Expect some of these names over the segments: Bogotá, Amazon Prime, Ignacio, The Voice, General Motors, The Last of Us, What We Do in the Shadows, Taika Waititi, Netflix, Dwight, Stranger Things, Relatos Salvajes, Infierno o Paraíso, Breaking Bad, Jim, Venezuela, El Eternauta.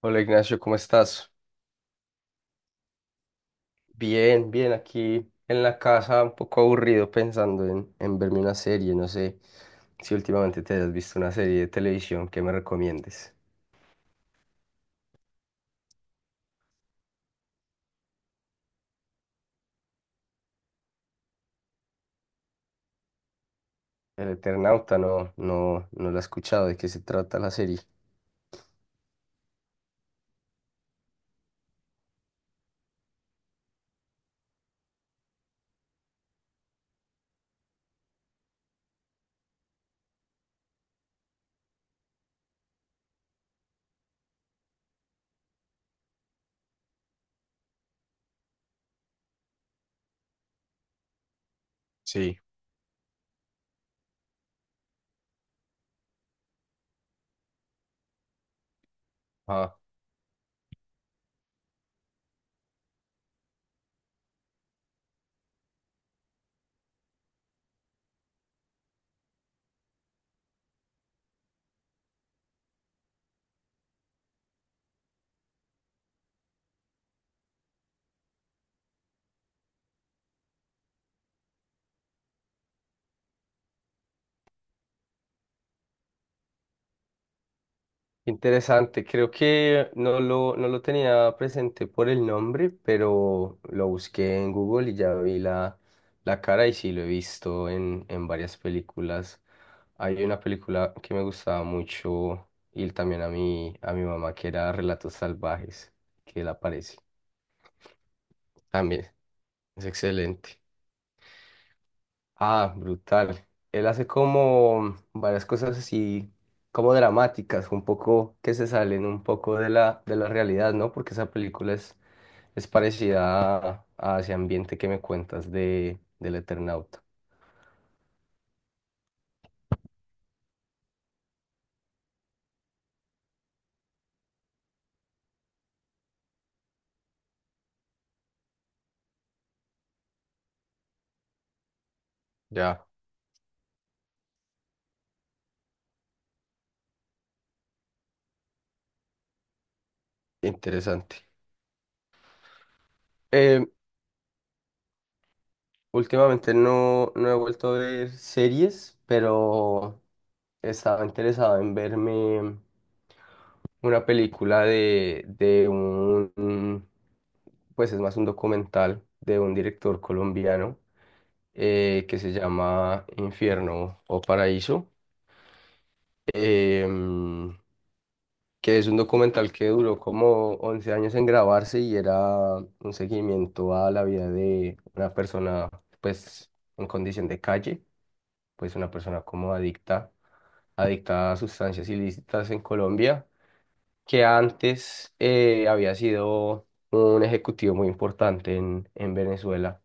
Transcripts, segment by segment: Hola Ignacio, ¿cómo estás? Bien, bien, aquí en la casa, un poco aburrido pensando en verme una serie. No sé si últimamente te has visto una serie de televisión que me recomiendes. El Eternauta, no la he escuchado. ¿De qué se trata la serie? Sí, interesante, creo que no lo tenía presente por el nombre, pero lo busqué en Google y ya vi la cara y sí lo he visto en varias películas. Hay una película que me gustaba mucho y también a mi mamá, que era Relatos Salvajes, que él aparece. También es excelente. Ah, brutal. Él hace como varias cosas así, como dramáticas, un poco que se salen un poco de la realidad, ¿no? Porque esa película es parecida a ese ambiente que me cuentas del Eternauta. Ya, interesante. Eh, últimamente no he vuelto a ver series, pero estaba interesado en verme una película de pues es más un documental de un director colombiano que se llama Infierno o Paraíso, em, que es un documental que duró como 11 años en grabarse y era un seguimiento a la vida de una persona, pues en condición de calle, pues una persona como adicta a sustancias ilícitas en Colombia, que antes había sido un ejecutivo muy importante en Venezuela.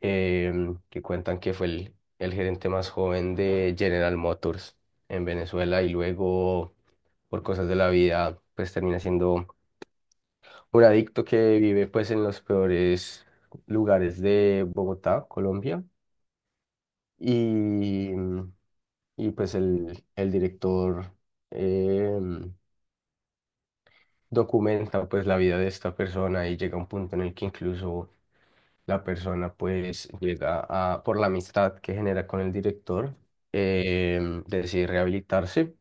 Que cuentan que fue el gerente más joven de General Motors en Venezuela y luego, por cosas de la vida, pues termina siendo un adicto que vive pues en los peores lugares de Bogotá, Colombia. Y, y pues el director em, documenta pues la vida de esta persona, y llega un punto en el que incluso la persona pues llega a, por la amistad que genera con el director, decide rehabilitarse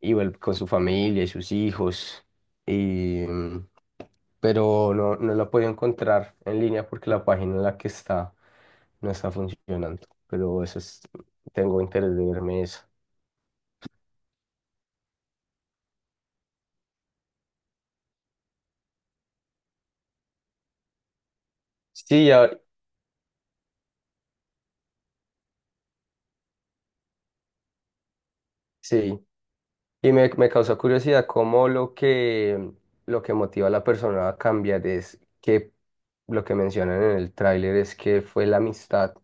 y vuelve con su familia y sus hijos. Y pero no la puedo encontrar en línea porque la página en la que está no está funcionando, pero eso es, tengo interés de verme eso. Sí, ya. Sí. Y me causó curiosidad cómo lo que motiva a la persona a cambiar es que lo que mencionan en el tráiler es que fue la amistad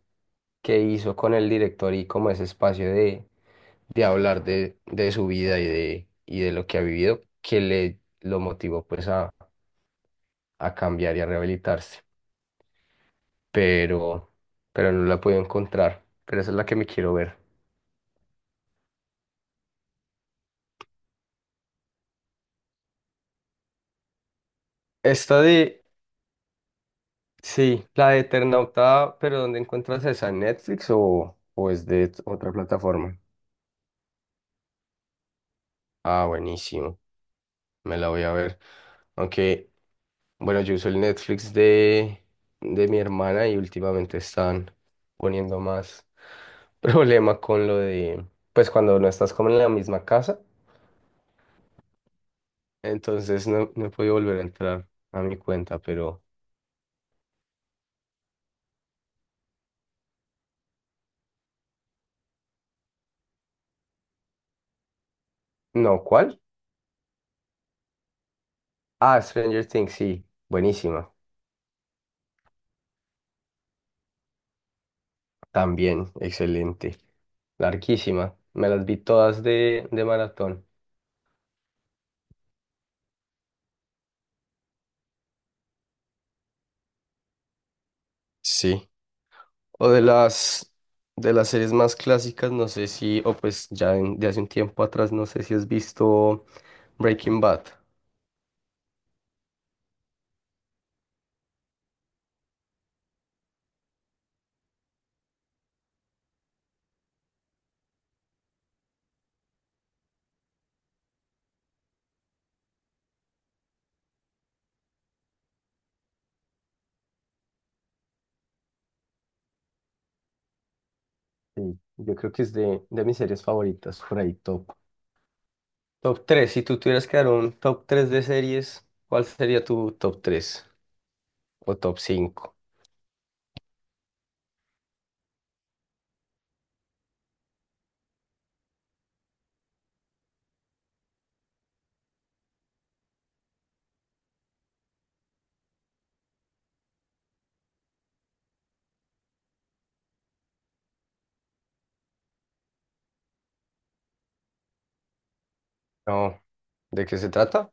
que hizo con el director, y como ese espacio de hablar de su vida y de lo que ha vivido, que le lo motivó pues a cambiar y a rehabilitarse. Pero, pero no la puedo encontrar. Pero esa es la que me quiero ver. Esta de... Sí, la de Eternauta, pero ¿dónde encuentras esa? ¿En Netflix o es de otra plataforma? Ah, buenísimo, me la voy a ver. Aunque, bueno, yo uso el Netflix de mi hermana, y últimamente están poniendo más problema con lo de, pues cuando no estás como en la misma casa, entonces no he podido volver a entrar a mi cuenta, pero no, ¿cuál? Ah, Stranger Things, sí, buenísima, también, excelente. Larguísima. Me las vi todas de maratón. Sí. O de las, de las series más clásicas, no sé si, o pues ya en- de hace un tiempo atrás, no sé si has visto Breaking Bad. Sí, yo creo que es de mis series favoritas, por ahí top. Top tres. Si tú tuvieras que dar un top 3 de series, ¿cuál sería tu top 3 o top cinco? No, ¿de qué se trata?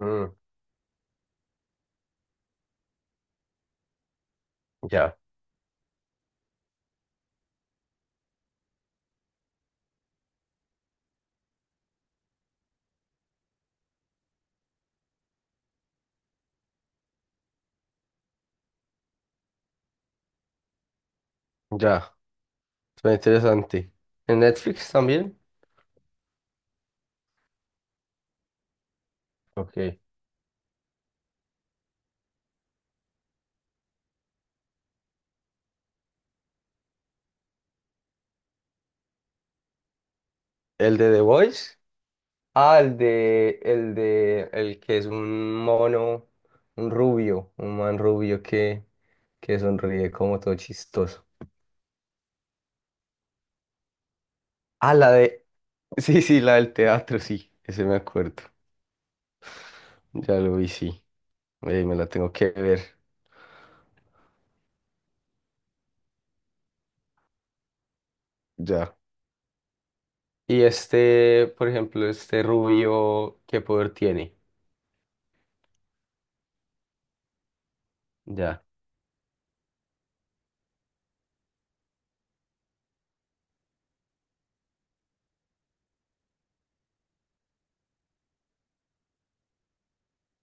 Mm, ya, ya, suena interesante. ¿En Netflix también? Ok. ¿El de The Voice? Ah, el de, el de, el que es un mono, un rubio, un man rubio que sonríe como todo chistoso. Ah, la de, sí, sí, la del teatro, sí, ese me acuerdo. Ya lo vi, sí. Me la tengo que ver, ya. Y este, por ejemplo, este rubio, ¿qué poder tiene? Ya,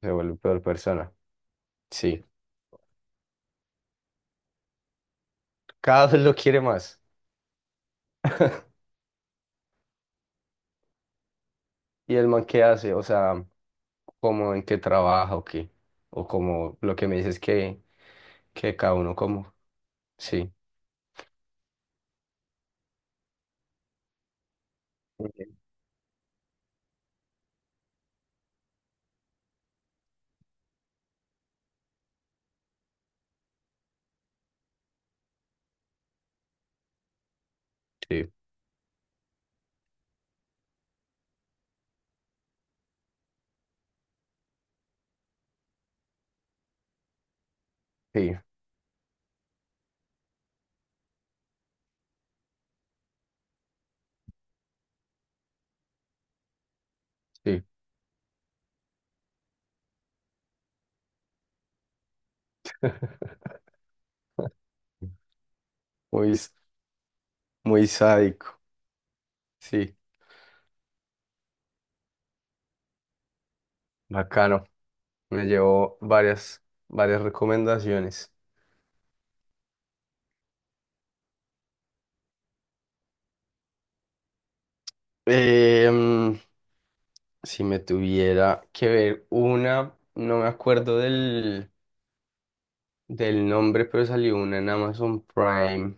se vuelve peor persona. Sí. Cada vez lo quiere más. ¿Y el man qué hace? O sea, ¿cómo en qué trabaja o qué? O como lo que me dices que cada uno como. Sí, ok, sí, sí, sí. Muy, s- muy sádico. Sí, bacano. Me llevo varias, varias recomendaciones. Em, si me tuviera que ver una, no me acuerdo del nombre, pero salió una en Amazon Prime,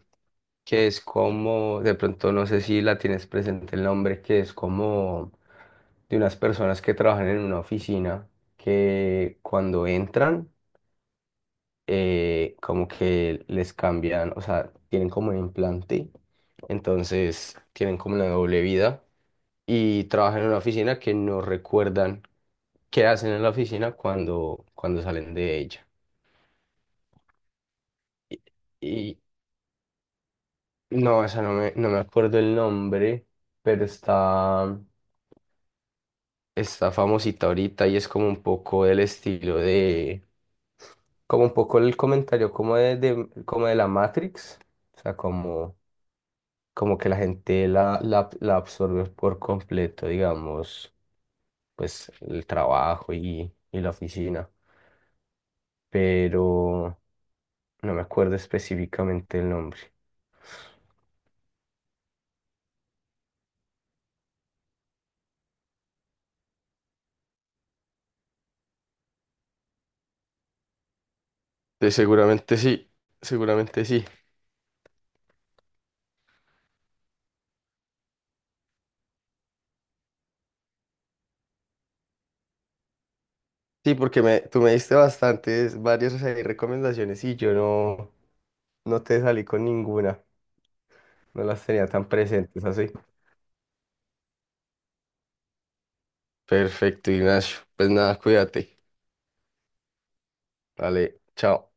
que es como, de pronto no sé si la tienes presente el nombre, que es como de unas personas que trabajan en una oficina, que cuando entran, como que les cambian, o sea, tienen como un implante, entonces tienen como una doble vida y trabajan en una oficina que no recuerdan qué hacen en la oficina cuando, cuando salen de ella. Y, y- no, esa no me acuerdo el nombre, pero está... está famosita ahorita y es como un poco el estilo de, como un poco el comentario como de- como de la Matrix, o sea, como, como que la gente la absorbe por completo, digamos, pues el trabajo y la oficina, pero no me acuerdo específicamente el nombre. Sí, seguramente sí, seguramente sí. Sí, porque me, tú me diste bastantes, varias ahí recomendaciones, y yo no te salí con ninguna. No las tenía tan presentes así. Perfecto, Ignacio. Pues nada, cuídate. Vale, chao.